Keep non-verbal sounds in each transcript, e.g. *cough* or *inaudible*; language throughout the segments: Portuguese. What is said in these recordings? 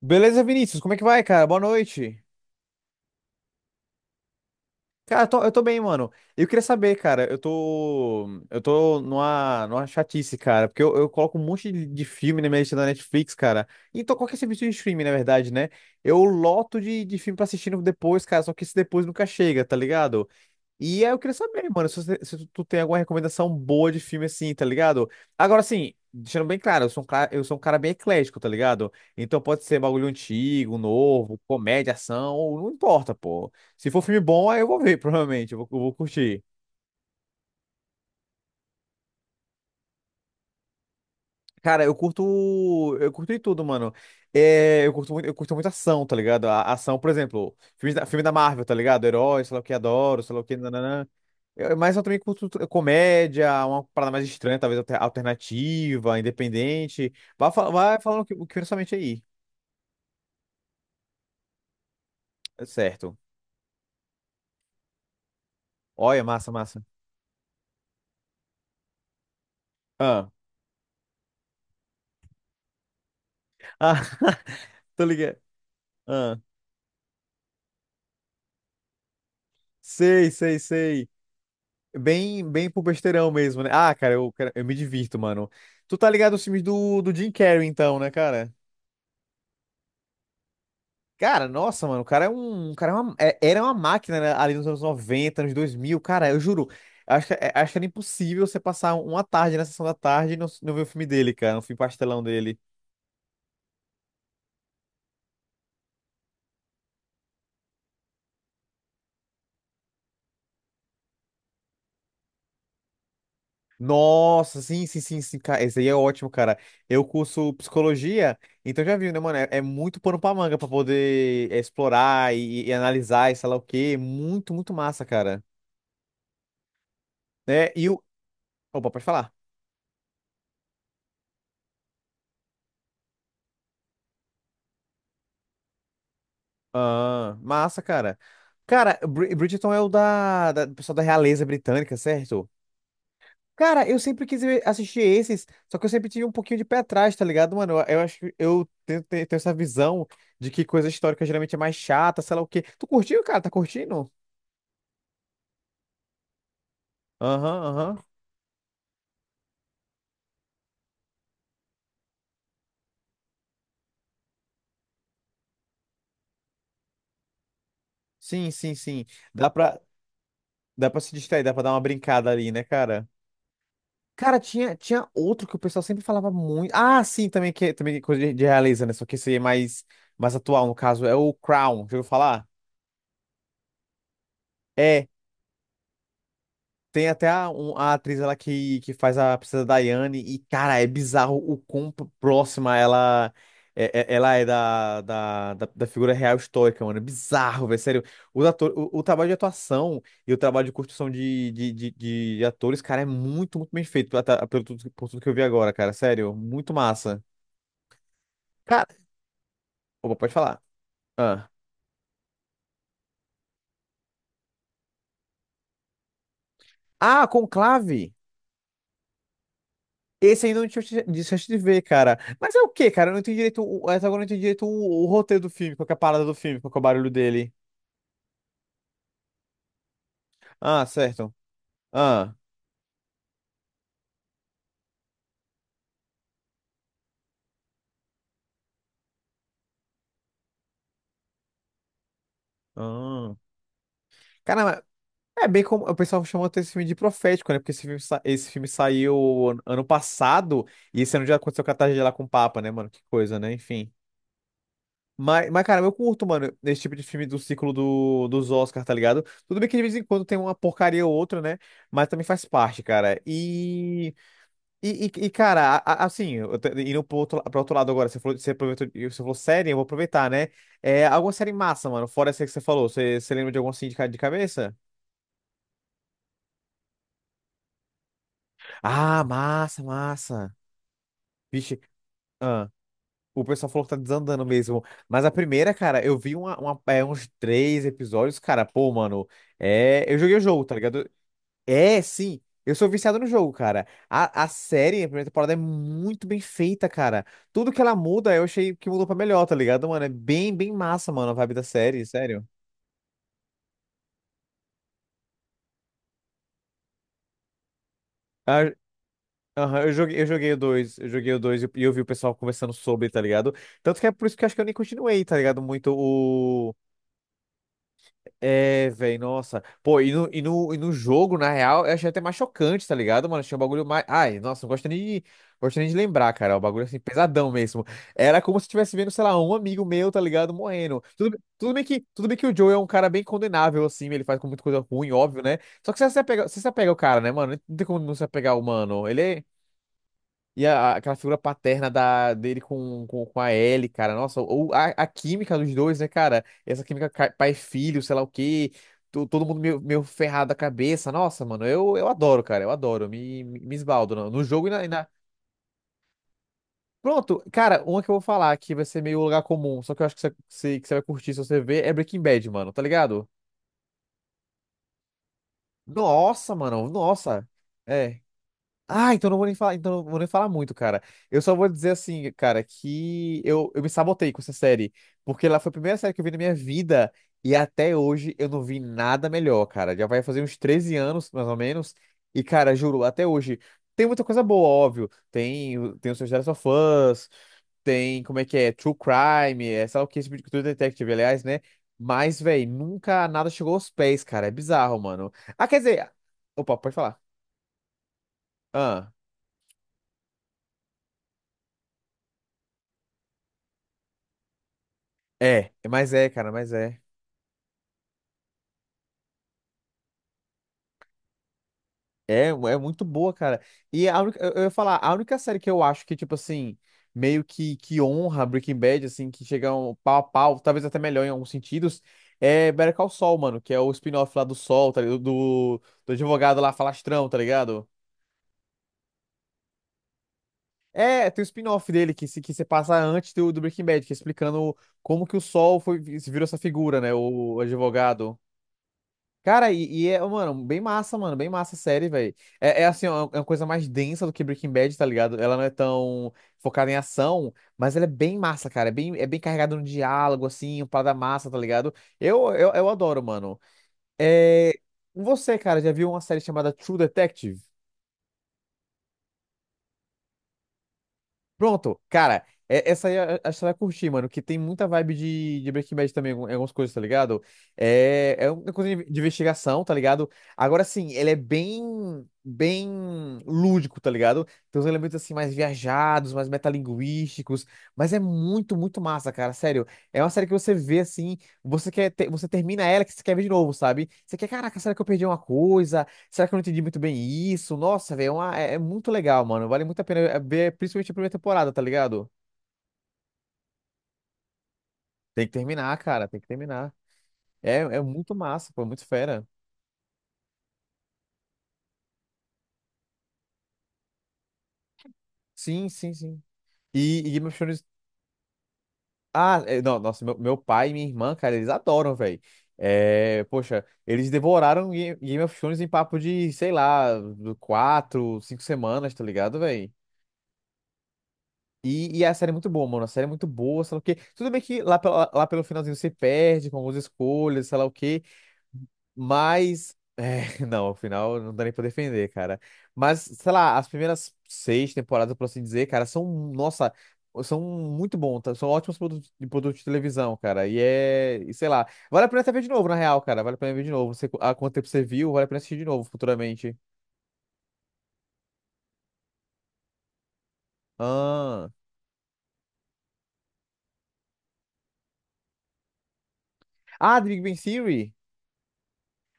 Beleza, Vinícius? Como é que vai, cara? Boa noite. Cara, eu tô bem, mano. Eu queria saber, cara, eu tô. Eu tô numa chatice, cara, porque eu coloco um monte de filme na minha lista da Netflix, cara. Então, qualquer serviço de streaming, na verdade, né? Eu loto de filme pra assistir depois, cara, só que esse depois nunca chega, tá ligado? E aí eu queria saber, mano, se tu tem alguma recomendação boa de filme assim, tá ligado? Agora, assim, deixando bem claro, eu sou um cara bem eclético, tá ligado? Então pode ser bagulho antigo, novo, comédia, ação, não importa, pô. Se for filme bom, aí eu vou ver, *laughs* provavelmente, eu vou curtir. Cara, eu curto. Eu curto de tudo, mano. É, eu curto muito ação, tá ligado? A ação, por exemplo, filme da Marvel, tá ligado? Herói, sei lá o que, adoro, sei lá o que, nananã. Mas eu também curto comédia, uma parada mais estranha, talvez alternativa, independente. Vai, vai falando o que vem na sua mente aí. É certo. Olha, massa, massa. Ah, ah, *laughs* tô ligado. Ah, sei, sei, sei. Bem, bem pro besteirão mesmo, né? Ah, cara, eu me divirto, mano. Tu tá ligado aos filmes do Jim Carrey, então, né, cara? Cara, nossa, mano, o cara era uma máquina, né, ali nos anos 90, anos 2000 cara, eu juro. Acho que, acho que era impossível você passar uma tarde na sessão da tarde e não ver o filme dele, cara, um filme pastelão dele. Nossa, sim, sim, sim, sim, cara. Esse aí é ótimo, cara. Eu curso psicologia, então já viu, né, mano? É, é muito pano pra manga pra poder é, explorar e analisar e sei lá o quê. Muito, muito massa, cara. É, e o. Opa, pode falar. Ah, massa, cara. Cara, Bridgerton é o da, da do pessoal da realeza britânica, certo? Cara, eu sempre quis assistir esses, só que eu sempre tive um pouquinho de pé atrás, tá ligado, mano? Eu acho que eu tenho essa visão de que coisa histórica geralmente é mais chata, sei lá o quê. Tu curtiu, cara? Tá curtindo? Aham, aham. Sim, sim, sim. Dá pra, dá pra se distrair, dá pra dar uma brincada ali, né, cara? Cara, tinha, tinha outro que o pessoal sempre falava muito. Ah, sim, também também é coisa de realeza, né? Só que esse aí é mais, mais atual, no caso, é o Crown. Já ouviu falar? É. Tem até a atriz ela que faz a princesa Diane e, cara, é bizarro o quão próxima ela é, ela é da, da, da, da figura real histórica, mano. É bizarro, velho. Sério, os ator, o trabalho de atuação e o trabalho de construção de atores, cara, é muito, muito bem feito por tudo que eu vi agora, cara. Sério, muito massa. Cara, opa, pode falar. Ah, ah Conclave! Esse ainda não tinha de chance de ver, cara. Mas é o quê, cara? Eu não entendi direito. Até agora eu não entendi direito o roteiro do filme. Qual que é a parada do filme? Qual que é o barulho dele? Ah, certo. Ah. Ah. Caramba, é bem como. O pessoal chamou até esse filme de profético, né? Porque esse filme saiu ano passado e esse ano já aconteceu a catástrofe lá com o Papa, né, mano? Que coisa, né? Enfim. Mas, cara, eu curto, mano, esse tipo de filme do ciclo do, dos Oscars, tá ligado? Tudo bem que de vez em quando tem uma porcaria ou outra, né? Mas também faz parte, cara. E. E, cara, assim, eu tô indo pro outro lado agora, você falou, você aproveitou, você falou série, eu vou aproveitar, né? É, alguma série massa, mano, fora essa que você falou, você, você lembra de alguma assim de, de cabeça? Ah, massa, massa. Vixe, ah, o pessoal falou que tá desandando mesmo. Mas a primeira, cara, eu vi uns 3 episódios, cara, pô, mano, é, eu joguei o jogo, tá ligado? É, sim. Eu sou viciado no jogo, cara. A série, a primeira temporada é muito bem feita, cara. Tudo que ela muda, eu achei que mudou pra melhor, tá ligado, mano? É bem, bem massa, mano, a vibe da série, sério. Ah, aham, eu joguei o 2, e eu vi o pessoal conversando sobre, tá ligado? Tanto que é por isso que eu acho que eu nem continuei, tá ligado? Muito. É, velho, nossa. Pô, e no jogo, na real, eu achei até mais chocante, tá ligado, mano? Achei um bagulho mais. Ai, nossa, de, gosto nem de lembrar, cara. O bagulho assim, pesadão mesmo. Era como se eu estivesse vendo, sei lá, um amigo meu, tá ligado, morrendo. Tudo bem que o Joe é um cara bem condenável, assim, ele faz com muita coisa ruim, óbvio, né? Só que você se apega ao cara, né, mano? Não tem como não se apegar ao mano. Ele é, e aquela figura paterna dele com a Ellie, cara. Nossa, ou a química dos dois, né, cara? Essa química pai e filho, sei lá o quê. Todo mundo meio, meio ferrado da cabeça. Nossa, mano, eu adoro, cara. Eu adoro. Me esbaldo no jogo e na. Pronto, cara, uma que eu vou falar que vai ser meio lugar comum, só que eu acho que você vai curtir se você ver, é Breaking Bad, mano, tá ligado? Nossa, mano, nossa. É. Ah, então não vou nem falar muito, cara. Eu só vou dizer assim, cara, que eu me sabotei com essa série, porque ela foi a primeira série que eu vi na minha vida e até hoje eu não vi nada melhor, cara. Já vai fazer uns 13 anos, mais ou menos, e cara, juro, até hoje tem muita coisa boa, óbvio. Tem, tem os seus The Last of Us, tem como é que é, True Crime, é, sei lá o que, esse tipo de True Detective, aliás, né? Mas, véi, nunca nada chegou aos pés, cara. É bizarro, mano. Ah, quer dizer, opa, pode falar. É, mas é, cara, mas é. É, é muito boa, cara. E a única, eu ia falar, a única série que eu acho que, tipo assim, meio que honra Breaking Bad, assim, que chega um pau a pau, talvez até melhor em alguns sentidos, é Better Call Saul, mano, que é o spin-off lá do Sol, tá ligado? Do advogado lá, falastrão, tá ligado? É, tem o spin-off dele que se passa antes do Breaking Bad, que é explicando como que o Sol foi, virou essa figura, né? O advogado. Cara, e é, mano, bem massa a série, velho. É, é assim, ó, é uma coisa mais densa do que Breaking Bad, tá ligado? Ela não é tão focada em ação, mas ela é bem massa, cara. É bem carregada no diálogo, assim, parada massa, tá ligado? Eu adoro, mano. É... Você, cara, já viu uma série chamada True Detective? Pronto, cara, essa aí acho que você vai curtir, mano, que tem muita vibe de Breaking Bad também, algumas coisas, tá ligado? É, é uma coisa de investigação, tá ligado? Agora sim, ele é bem, bem lúdico, tá ligado? Tem uns elementos assim mais viajados, mais metalinguísticos, mas é muito, muito massa, cara, sério. É uma série que você vê assim, você termina ela que você quer ver de novo, sabe? Você quer, caraca, será que eu perdi uma coisa? Será que eu não entendi muito bem isso? Nossa, velho, é, é muito legal, mano. Vale muito a pena é, ver, principalmente a primeira temporada, tá ligado? Tem que terminar, cara, tem que terminar. É, é muito massa, pô, é muito fera. Sim, sim, sim. E Game of Thrones. Ah, é, não, nossa, meu pai e minha irmã, cara, eles adoram, velho. É, poxa, eles devoraram Game of Thrones em papo de, sei lá, do 4, 5 semanas, tá ligado, velho? E a série é muito boa, mano. A série é muito boa, sei lá o quê. Tudo bem que lá, lá pelo finalzinho você perde com algumas escolhas, sei lá o quê. Mas. É, *laughs* não, afinal, não dá nem pra defender, cara. Mas, sei lá, as primeiras seis temporadas, por assim dizer, cara, são. Nossa, são muito bons, tá? São ótimos produtos de televisão, cara. E é. E sei lá. Vale a pena até ver de novo, na real, cara. Vale a pena ver de novo. Não sei há quanto tempo você viu, vale a pena assistir de novo futuramente. Ah. Ah, The Big Bang Theory?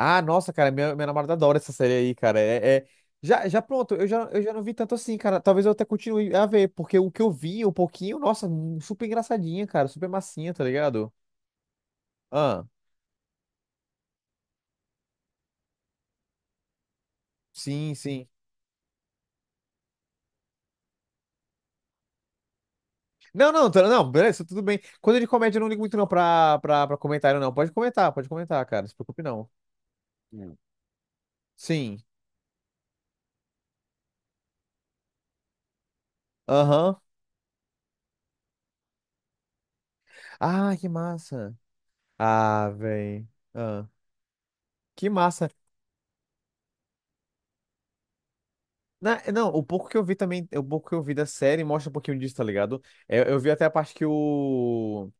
Ah, nossa, cara, minha namorada adora essa série aí, cara. Já pronto, eu já não vi tanto assim, cara. Talvez eu até continue a ver, porque o que eu vi, um pouquinho, nossa, super engraçadinha, cara, super massinha, tá ligado? Ah, sim, sim. Não, não, não, beleza, tudo bem. Quando é de comédia, eu não ligo muito não pra, pra comentário, não. Pode comentar, cara, não se preocupe não. Hum. Sim, aham. Ah, que massa. Ah, véi. Ah, que massa. É, não, o pouco que eu vi também, o pouco que eu vi da série mostra um pouquinho disso, tá ligado? Eu vi até a parte que o,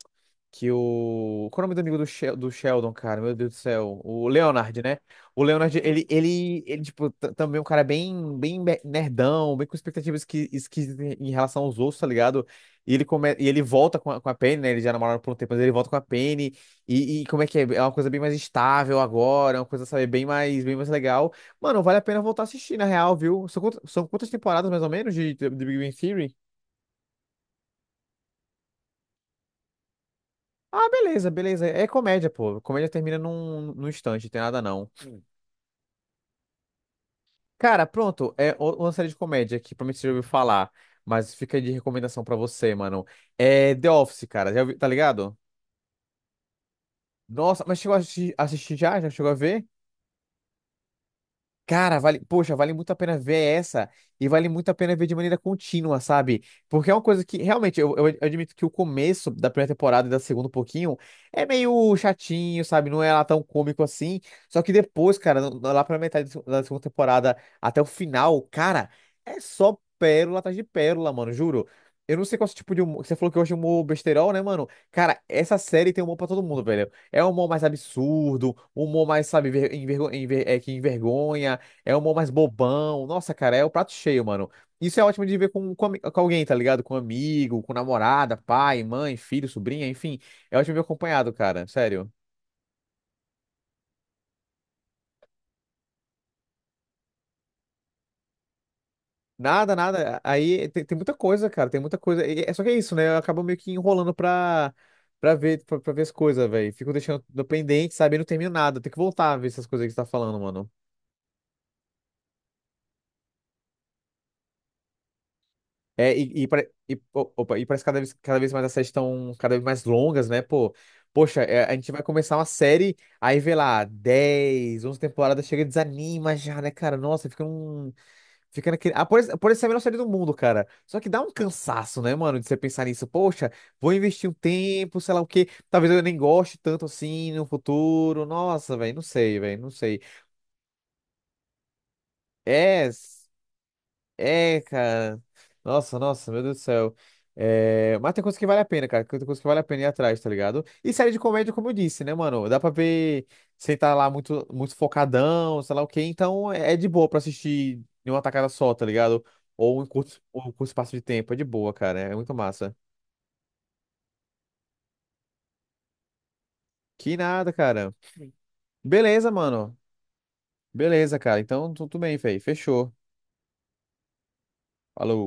Qual é o nome do amigo do, do Sheldon, cara? Meu Deus do céu. O Leonard, né? O Leonard, ele tipo, também é um cara bem, nerdão, bem com expectativas esquisitas em relação aos outros, tá ligado? E ele, e ele volta com a Penny, né? Ele já namoraram por um tempo, mas ele volta com a Penny. E como é que é? É uma coisa bem mais estável agora, é uma coisa, sabe, bem mais legal. Mano, vale a pena voltar a assistir, na real, viu? São, são quantas temporadas, mais ou menos, de Big Bang Theory? Ah, beleza, beleza. É comédia, pô. Comédia termina num, num instante, não tem nada não. Cara, pronto. Uma série de comédia que provavelmente você já ouviu falar, mas fica aí de recomendação pra você, mano. É The Office, cara. Tá ligado? Nossa, mas chegou a assistir, já? Já chegou a ver? Cara, vale, poxa, vale muito a pena ver essa e vale muito a pena ver de maneira contínua, sabe? Porque é uma coisa que realmente eu admito que o começo da primeira temporada e da segunda um pouquinho é meio chatinho, sabe? Não é lá tão cômico assim. Só que depois, cara, lá pra metade da segunda temporada até o final, cara, é só pérola atrás de pérola, mano, juro. Eu não sei qual é esse tipo de humor. Você falou que hoje é humor besterol, né, mano? Cara, essa série tem humor pra todo mundo, velho. É um humor mais absurdo, um humor mais, sabe, é, que envergonha. É humor mais bobão. Nossa, cara, é o prato cheio, mano. Isso é ótimo de ver com, com alguém, tá ligado? Com amigo, com namorada, pai, mãe, filho, sobrinha, enfim. É ótimo ver acompanhado, cara. Sério. Nada, nada. Aí tem, tem muita coisa, cara. Tem muita coisa. É só que é isso, né? Eu acabo meio que enrolando pra, pra ver as coisas, velho. Fico deixando pendente, sabe? E não termino nada. Tem que voltar a ver essas coisas que você tá falando, mano. É, opa, e parece que cada vez mais as séries estão cada vez mais longas, né? Pô, poxa, é, a gente vai começar uma série, aí vê lá, 10, 11 temporadas, chega e desanima já, né, cara? Nossa, fica um. Fica naquele. Ah, por isso é a melhor série do mundo, cara. Só que dá um cansaço, né, mano, de você pensar nisso. Poxa, vou investir um tempo, sei lá o quê. Talvez eu nem goste tanto assim no futuro. Nossa, velho, não sei, velho, não sei. É. É, cara. Nossa, nossa, meu Deus do céu. É, mas tem coisa que vale a pena, cara. Tem coisa que vale a pena ir atrás, tá ligado? E série de comédia, como eu disse, né, mano? Dá pra ver sem tá lá muito, muito focadão, sei lá o quê. Então é de boa pra assistir em uma tacada só, tá ligado? Ou em curto espaço de tempo. É de boa, cara. É muito massa. Que nada, cara. Beleza, mano. Beleza, cara. Então tudo bem, velho. Fechou. Falou.